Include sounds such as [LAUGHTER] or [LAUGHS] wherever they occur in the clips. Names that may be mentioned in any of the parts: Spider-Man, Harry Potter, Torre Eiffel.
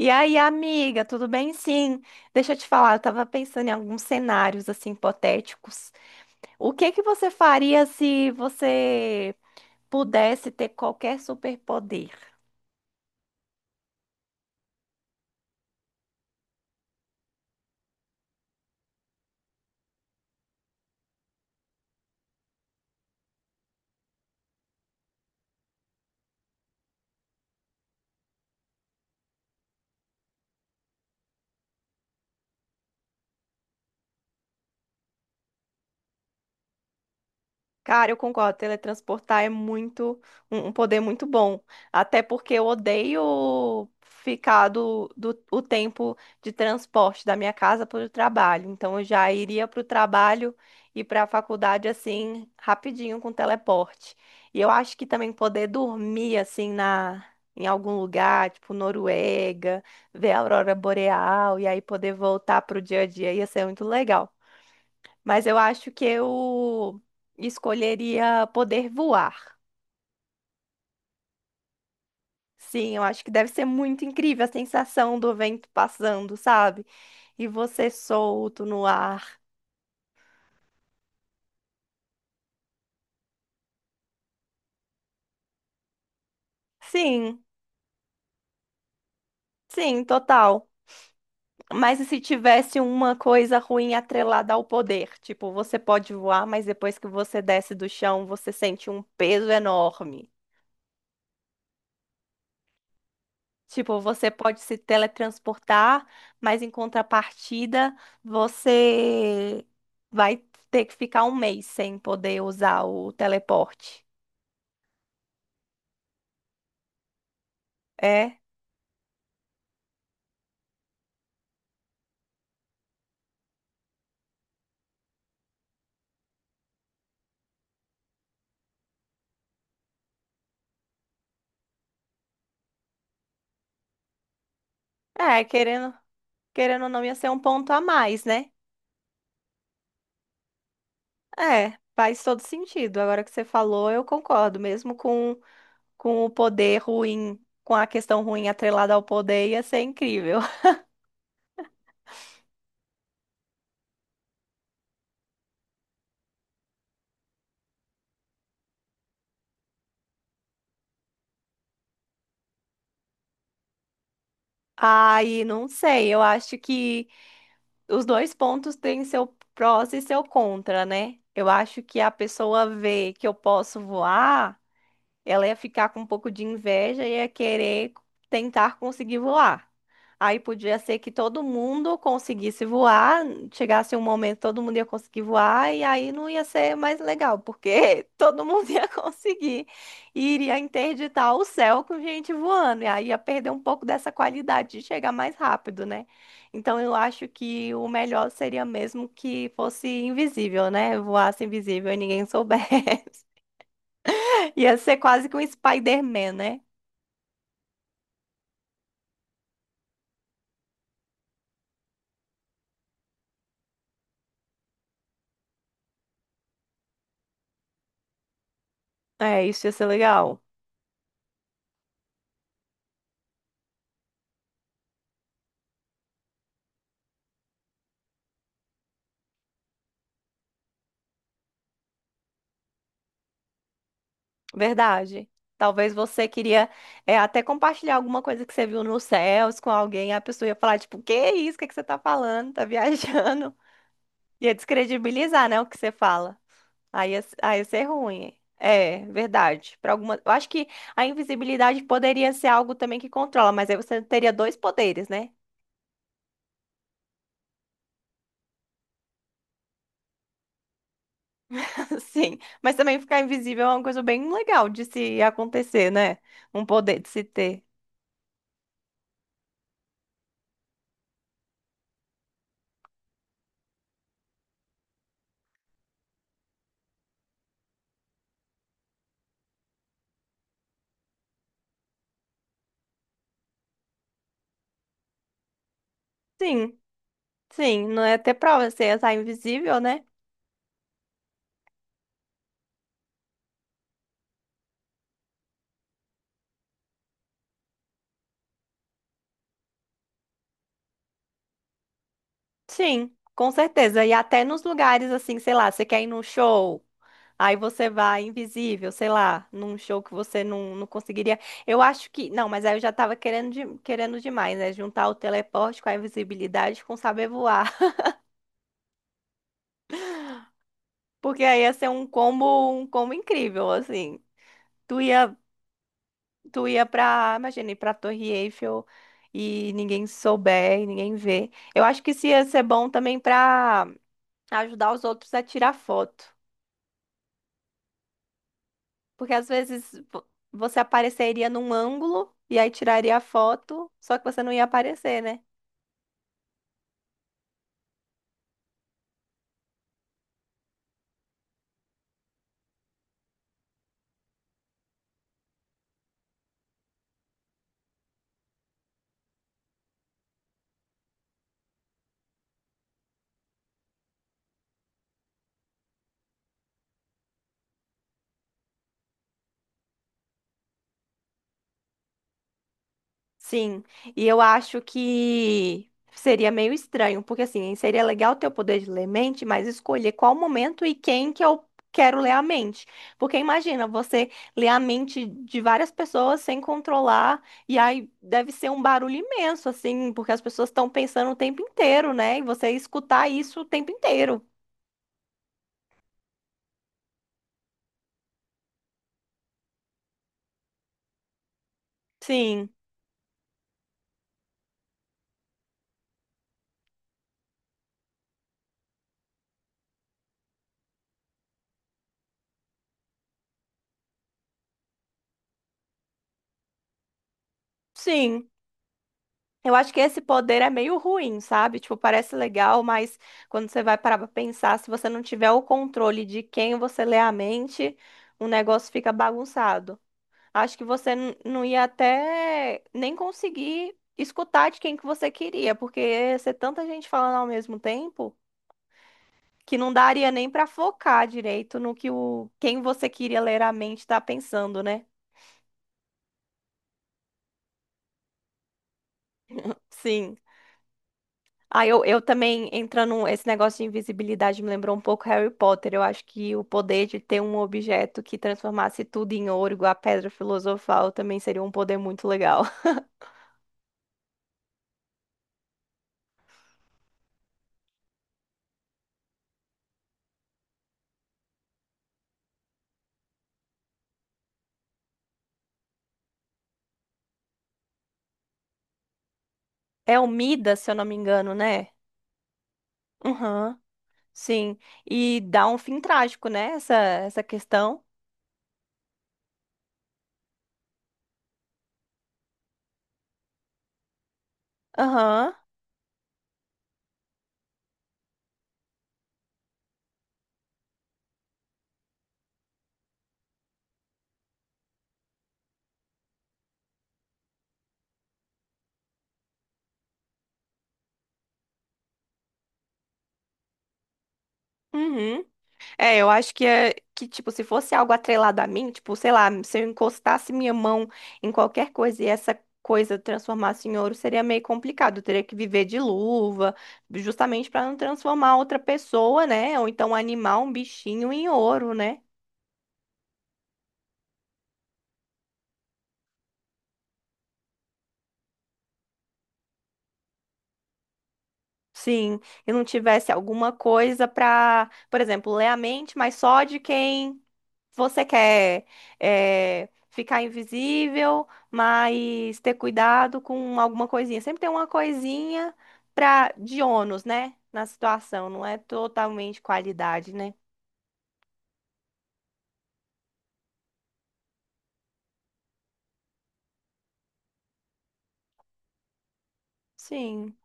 E aí, amiga, tudo bem? Sim. Deixa eu te falar, eu tava pensando em alguns cenários assim hipotéticos. O que que você faria se você pudesse ter qualquer superpoder? Cara, eu concordo. Teletransportar é muito um poder muito bom. Até porque eu odeio ficar do o tempo de transporte da minha casa para o trabalho. Então eu já iria para o trabalho e para a faculdade assim rapidinho com teleporte. E eu acho que também poder dormir assim na em algum lugar, tipo Noruega, ver a aurora boreal e aí poder voltar para o dia a dia ia ser muito legal. Mas eu acho que eu escolheria poder voar. Sim, eu acho que deve ser muito incrível a sensação do vento passando, sabe? E você solto no ar. Sim, sim, total. Mas e se tivesse uma coisa ruim atrelada ao poder? Tipo, você pode voar, mas depois que você desce do chão, você sente um peso enorme. Tipo, você pode se teletransportar, mas em contrapartida, você vai ter que ficar um mês sem poder usar o teleporte. É, é, querendo ou não, ia ser um ponto a mais, né? É, faz todo sentido. Agora que você falou, eu concordo. Com o poder ruim, com a questão ruim atrelada ao poder, ia ser incrível. [LAUGHS] Aí, não sei, eu acho que. Os dois pontos têm seu prós e seu contra, né? Eu acho que a pessoa vê que eu posso voar, ela ia ficar com um pouco de inveja e ia querer tentar conseguir voar. Aí podia ser que todo mundo conseguisse voar, chegasse um momento todo mundo ia conseguir voar e aí não ia ser mais legal, porque [LAUGHS] todo mundo ia conseguir e iria interditar o céu com gente voando, e aí ia perder um pouco dessa qualidade de chegar mais rápido, né? Então eu acho que o melhor seria mesmo que fosse invisível, né? Voasse invisível e ninguém [LAUGHS] soubesse. Ia ser quase que um Spider-Man, né? É, isso ia ser legal. Verdade. Talvez você queria até compartilhar alguma coisa que você viu nos céus com alguém, a pessoa ia falar, tipo, que isso? O que que você tá falando? Tá viajando? [LAUGHS] Ia descredibilizar, né, o que você fala. Aí ia ser ruim. É, verdade. Para alguma, eu acho que a invisibilidade poderia ser algo também que controla, mas aí você teria dois poderes, né? [LAUGHS] Sim, mas também ficar invisível é uma coisa bem legal de se acontecer, né? Um poder de se ter. Sim, sim, não é ter prova, você ia estar invisível, né? Sim, com certeza. E até nos lugares assim, sei lá, você quer ir num show, aí você vai invisível, sei lá, num show que você não conseguiria. Eu acho que. Não, mas aí eu já tava querendo, querendo demais, né? Juntar o teleporte com a invisibilidade com saber voar. [LAUGHS] Porque aí ia ser um combo incrível, assim. Tu ia, tu ia pra, imagina, ir pra Torre Eiffel e ninguém souber e ninguém vê. Eu acho que isso ia ser bom também pra ajudar os outros a tirar foto. Porque às vezes você apareceria num ângulo e aí tiraria a foto, só que você não ia aparecer, né? Sim, e eu acho que seria meio estranho, porque assim, seria legal ter o poder de ler mente, mas escolher qual momento e quem que eu quero ler a mente. Porque imagina você ler a mente de várias pessoas sem controlar, e aí deve ser um barulho imenso, assim, porque as pessoas estão pensando o tempo inteiro, né? E você escutar isso o tempo inteiro. Sim, sim. Eu acho que esse poder é meio ruim, sabe? Tipo, parece legal, mas quando você vai parar pra pensar, se você não tiver o controle de quem você lê a mente, o negócio fica bagunçado. Acho que você não ia até nem conseguir escutar de quem que você queria, porque ia ser tanta gente falando ao mesmo tempo que não daria nem pra focar direito no que o quem você queria ler a mente tá pensando, né? Sim. Ah, eu também, esse negócio de invisibilidade me lembrou um pouco Harry Potter. Eu acho que o poder de ter um objeto que transformasse tudo em ouro, igual a pedra filosofal, também seria um poder muito legal. [LAUGHS] É o Midas, se eu não me engano, né? Aham, sim. E dá um fim trágico, né? Essa questão. Aham, uhum. É, eu acho que é que, tipo, se fosse algo atrelado a mim, tipo, sei lá, se eu encostasse minha mão em qualquer coisa e essa coisa transformasse em ouro, seria meio complicado. Eu teria que viver de luva, justamente para não transformar outra pessoa, né? Ou então animar um bichinho em ouro, né? Sim, e não tivesse alguma coisa pra, por exemplo, ler a mente, mas só de quem Você quer ficar invisível, mas ter cuidado com alguma coisinha. Sempre tem uma coisinha pra, de ônus, né? Na situação, não é totalmente qualidade, né? Sim.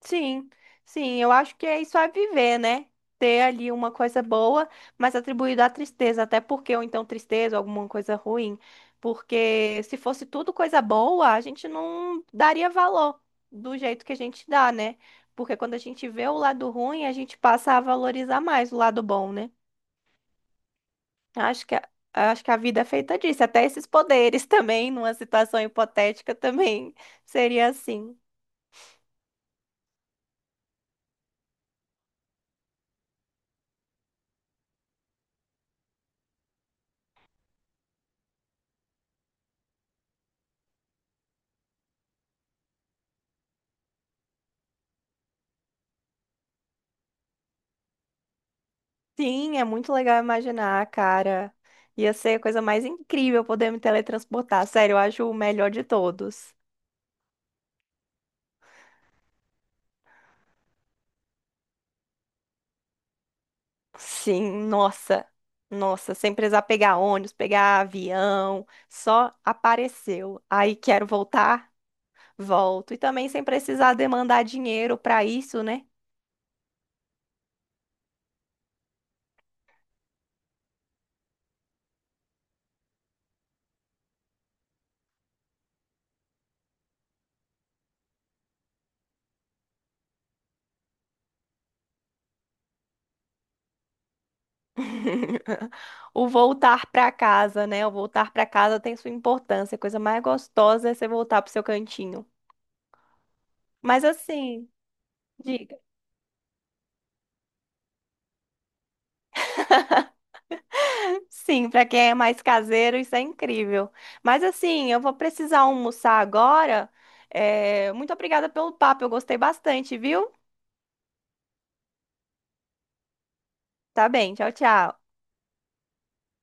Sim, sim, eu acho que é isso é viver, né? Ter ali uma coisa boa, mas atribuído à tristeza, até porque, ou então tristeza, alguma coisa ruim, porque se fosse tudo coisa boa, a gente não daria valor do jeito que a gente dá, né? Porque quando a gente vê o lado ruim, a gente passa a valorizar mais o lado bom, né? Acho que a, acho que a vida é feita disso, até esses poderes [LAUGHS] também, numa situação hipotética também seria assim. Sim, é muito legal imaginar, cara. Ia ser a coisa mais incrível poder me teletransportar. Sério, eu acho o melhor de todos. Sim, nossa. Nossa, sem precisar pegar ônibus, pegar avião, só apareceu. Aí quero voltar, volto. E também sem precisar demandar dinheiro pra isso, né? [LAUGHS] O voltar pra casa, né? O voltar pra casa tem sua importância. A coisa mais gostosa é você voltar pro seu cantinho. Mas assim, diga. Sim, para quem é mais caseiro, isso é incrível. Mas assim, eu vou precisar almoçar agora. É, muito obrigada pelo papo, eu gostei bastante, viu? Tá bem, tchau, tchau.